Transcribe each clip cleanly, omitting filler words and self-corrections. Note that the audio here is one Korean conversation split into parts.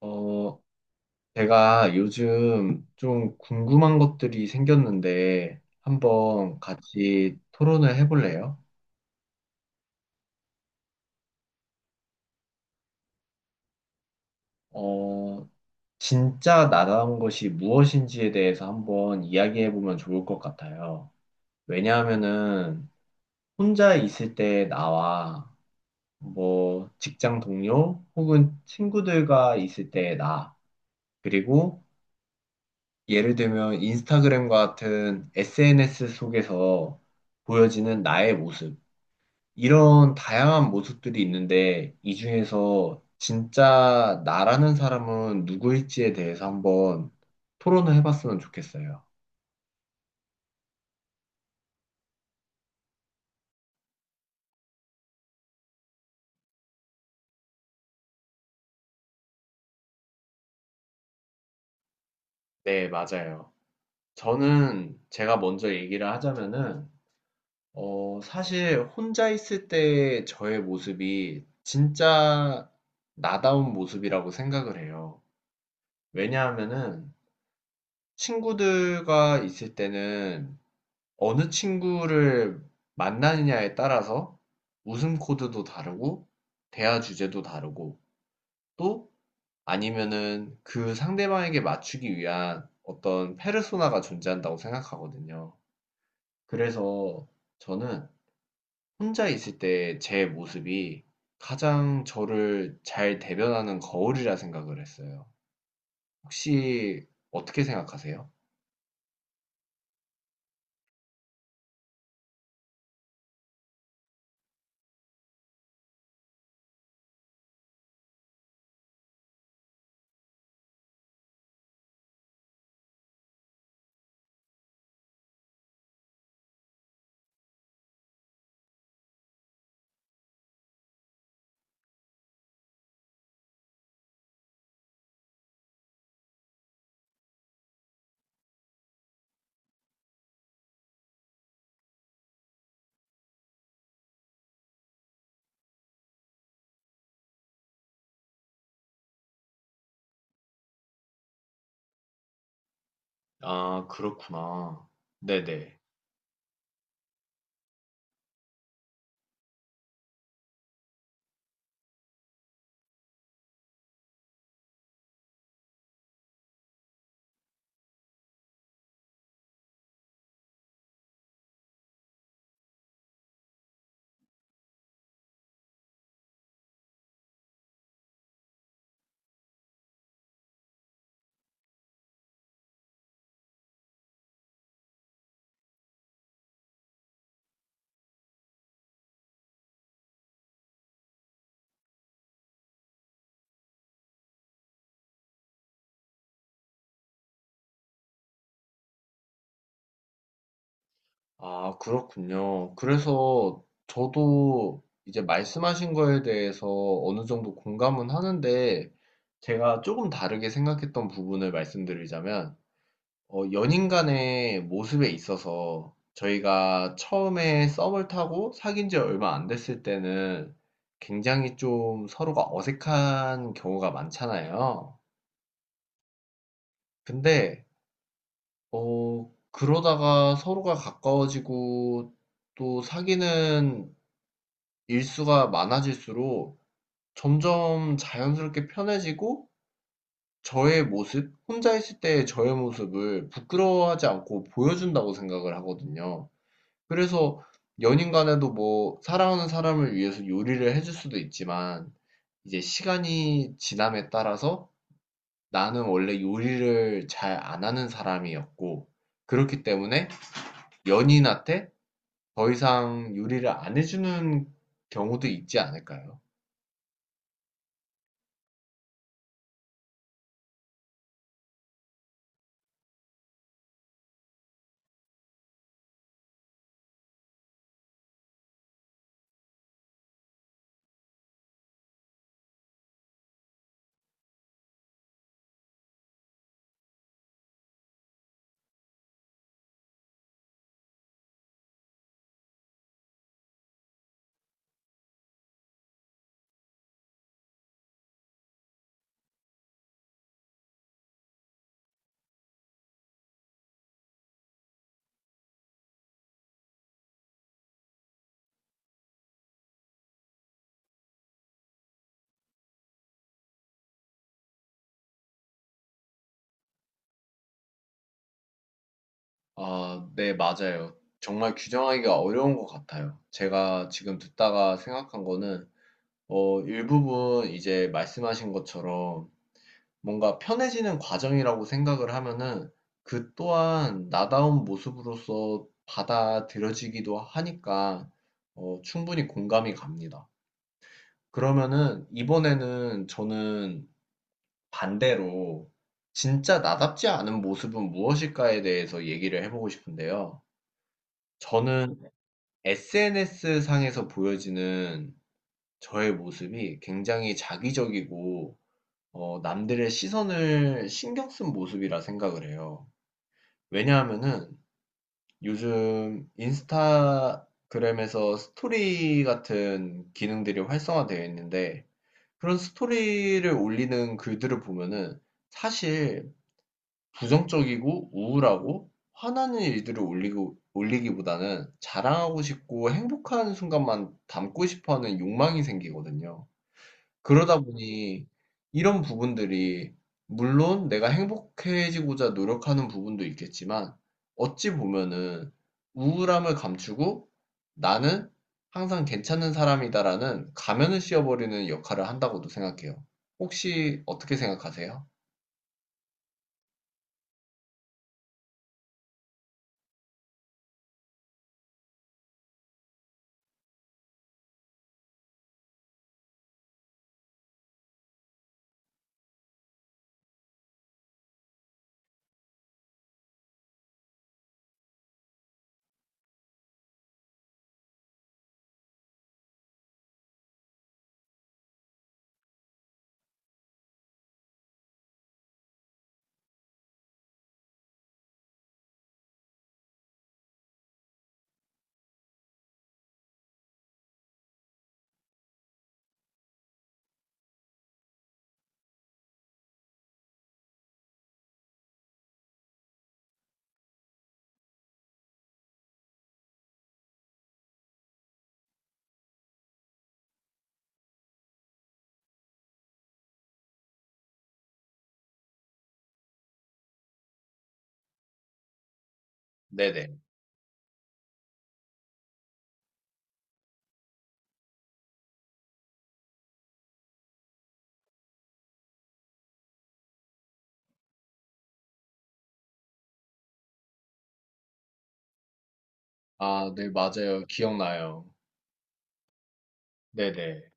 어, 제가 요즘 좀 궁금한 것들이 생겼는데 한번 같이 토론을 해볼래요? 어, 진짜 나다운 것이 무엇인지에 대해서 한번 이야기해보면 좋을 것 같아요. 왜냐하면은 혼자 있을 때 나와 뭐 직장 동료 혹은 친구들과 있을 때 나, 그리고 예를 들면 인스타그램 같은 SNS 속에서 보여지는 나의 모습, 이런 다양한 모습들이 있는데 이 중에서 진짜 나라는 사람은 누구일지에 대해서 한번 토론을 해봤으면 좋겠어요. 네, 맞아요. 저는 제가 먼저 얘기를 하자면은 사실 혼자 있을 때 저의 모습이 진짜 나다운 모습이라고 생각을 해요. 왜냐하면은 친구들과 있을 때는 어느 친구를 만나느냐에 따라서 웃음 코드도 다르고, 대화 주제도 다르고, 또 아니면은 그 상대방에게 맞추기 위한 어떤 페르소나가 존재한다고 생각하거든요. 그래서 저는 혼자 있을 때 제 모습이 가장 저를 잘 대변하는 거울이라 생각을 했어요. 혹시 어떻게 생각하세요? 아, 그렇구나. 네네. 아, 그렇군요. 그래서 저도 이제 말씀하신 거에 대해서 어느 정도 공감은 하는데, 제가 조금 다르게 생각했던 부분을 말씀드리자면, 연인 간의 모습에 있어서 저희가 처음에 썸을 타고 사귄 지 얼마 안 됐을 때는 굉장히 좀 서로가 어색한 경우가 많잖아요. 근데, 그러다가 서로가 가까워지고 또 사귀는 일수가 많아질수록 점점 자연스럽게 편해지고 저의 모습, 혼자 있을 때의 저의 모습을 부끄러워하지 않고 보여준다고 생각을 하거든요. 그래서 연인 간에도 뭐 사랑하는 사람을 위해서 요리를 해줄 수도 있지만 이제 시간이 지남에 따라서 나는 원래 요리를 잘 안 하는 사람이었고 그렇기 때문에 연인한테 더 이상 요리를 안 해주는 경우도 있지 않을까요? 아, 네, 맞아요. 정말 규정하기가 어려운 것 같아요. 제가 지금 듣다가 생각한 거는, 일부분 이제 말씀하신 것처럼 뭔가 편해지는 과정이라고 생각을 하면은 그 또한 나다운 모습으로서 받아들여지기도 하니까, 충분히 공감이 갑니다. 그러면은 이번에는 저는 반대로 진짜 나답지 않은 모습은 무엇일까에 대해서 얘기를 해보고 싶은데요. 저는 SNS 상에서 보여지는 저의 모습이 굉장히 자기적이고 남들의 시선을 신경 쓴 모습이라 생각을 해요. 왜냐하면은 요즘 인스타그램에서 스토리 같은 기능들이 활성화되어 있는데 그런 스토리를 올리는 글들을 보면은 사실 부정적이고 우울하고 화나는 일들을 올리고, 올리기보다는 자랑하고 싶고 행복한 순간만 담고 싶어 하는 욕망이 생기거든요. 그러다 보니 이런 부분들이 물론 내가 행복해지고자 노력하는 부분도 있겠지만 어찌 보면은 우울함을 감추고 나는 항상 괜찮은 사람이다라는 가면을 씌워버리는 역할을 한다고도 생각해요. 혹시 어떻게 생각하세요? 네네. 아, 네, 맞아요. 기억나요. 네네,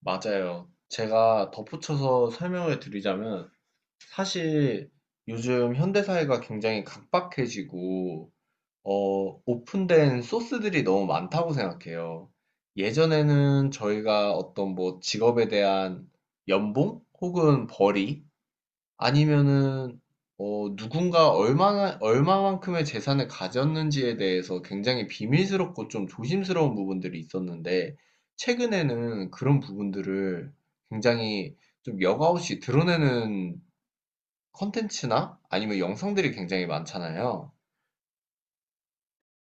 맞아요. 제가 덧붙여서 설명을 드리자면, 사실 요즘 현대사회가 굉장히 각박해지고, 오픈된 소스들이 너무 많다고 생각해요. 예전에는 저희가 어떤 뭐 직업에 대한 연봉 혹은 벌이 아니면은 누군가 얼마나 얼마만큼의 재산을 가졌는지에 대해서 굉장히 비밀스럽고 좀 조심스러운 부분들이 있었는데 최근에는 그런 부분들을 굉장히 좀 여과없이 드러내는 컨텐츠나 아니면 영상들이 굉장히 많잖아요.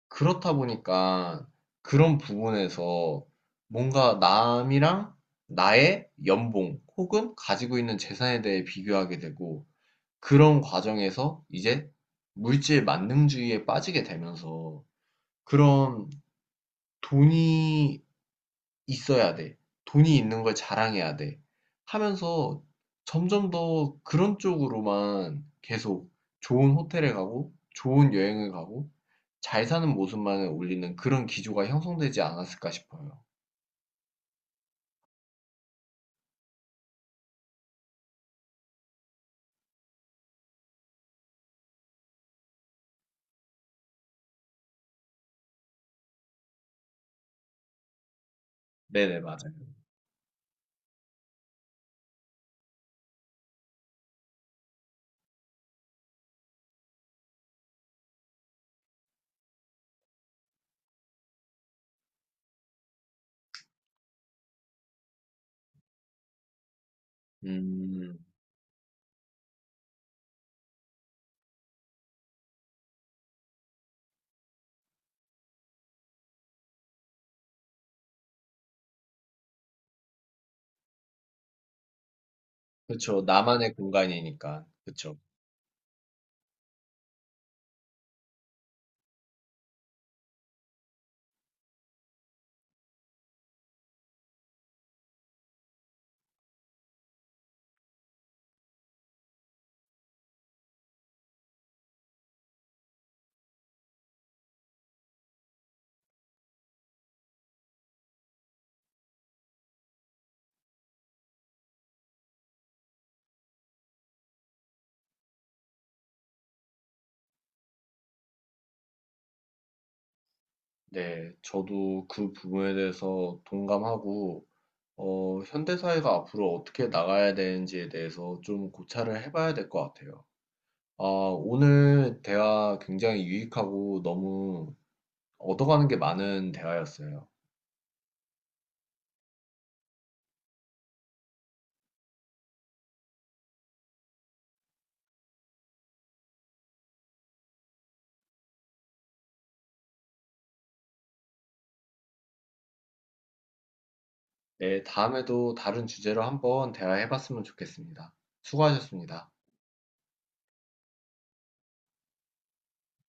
그렇다 보니까 그런 부분에서 뭔가 남이랑 나의 연봉 혹은 가지고 있는 재산에 대해 비교하게 되고 그런 과정에서 이제 물질 만능주의에 빠지게 되면서 그런 돈이 있어야 돼. 돈이 있는 걸 자랑해야 돼. 하면서 점점 더 그런 쪽으로만 계속 좋은 호텔에 가고 좋은 여행을 가고 잘 사는 모습만을 올리는 그런 기조가 형성되지 않았을까 싶어요. 네네, 맞아요. 음, 그쵸. 나만의 공간이니까. 그쵸. 네, 저도 그 부분에 대해서 동감하고 현대사회가 앞으로 어떻게 나가야 되는지에 대해서 좀 고찰을 해봐야 될 것 같아요. 아, 오늘 대화 굉장히 유익하고 너무 얻어가는 게 많은 대화였어요. 네, 다음에도 다른 주제로 한번 대화해봤으면 좋겠습니다. 수고하셨습니다.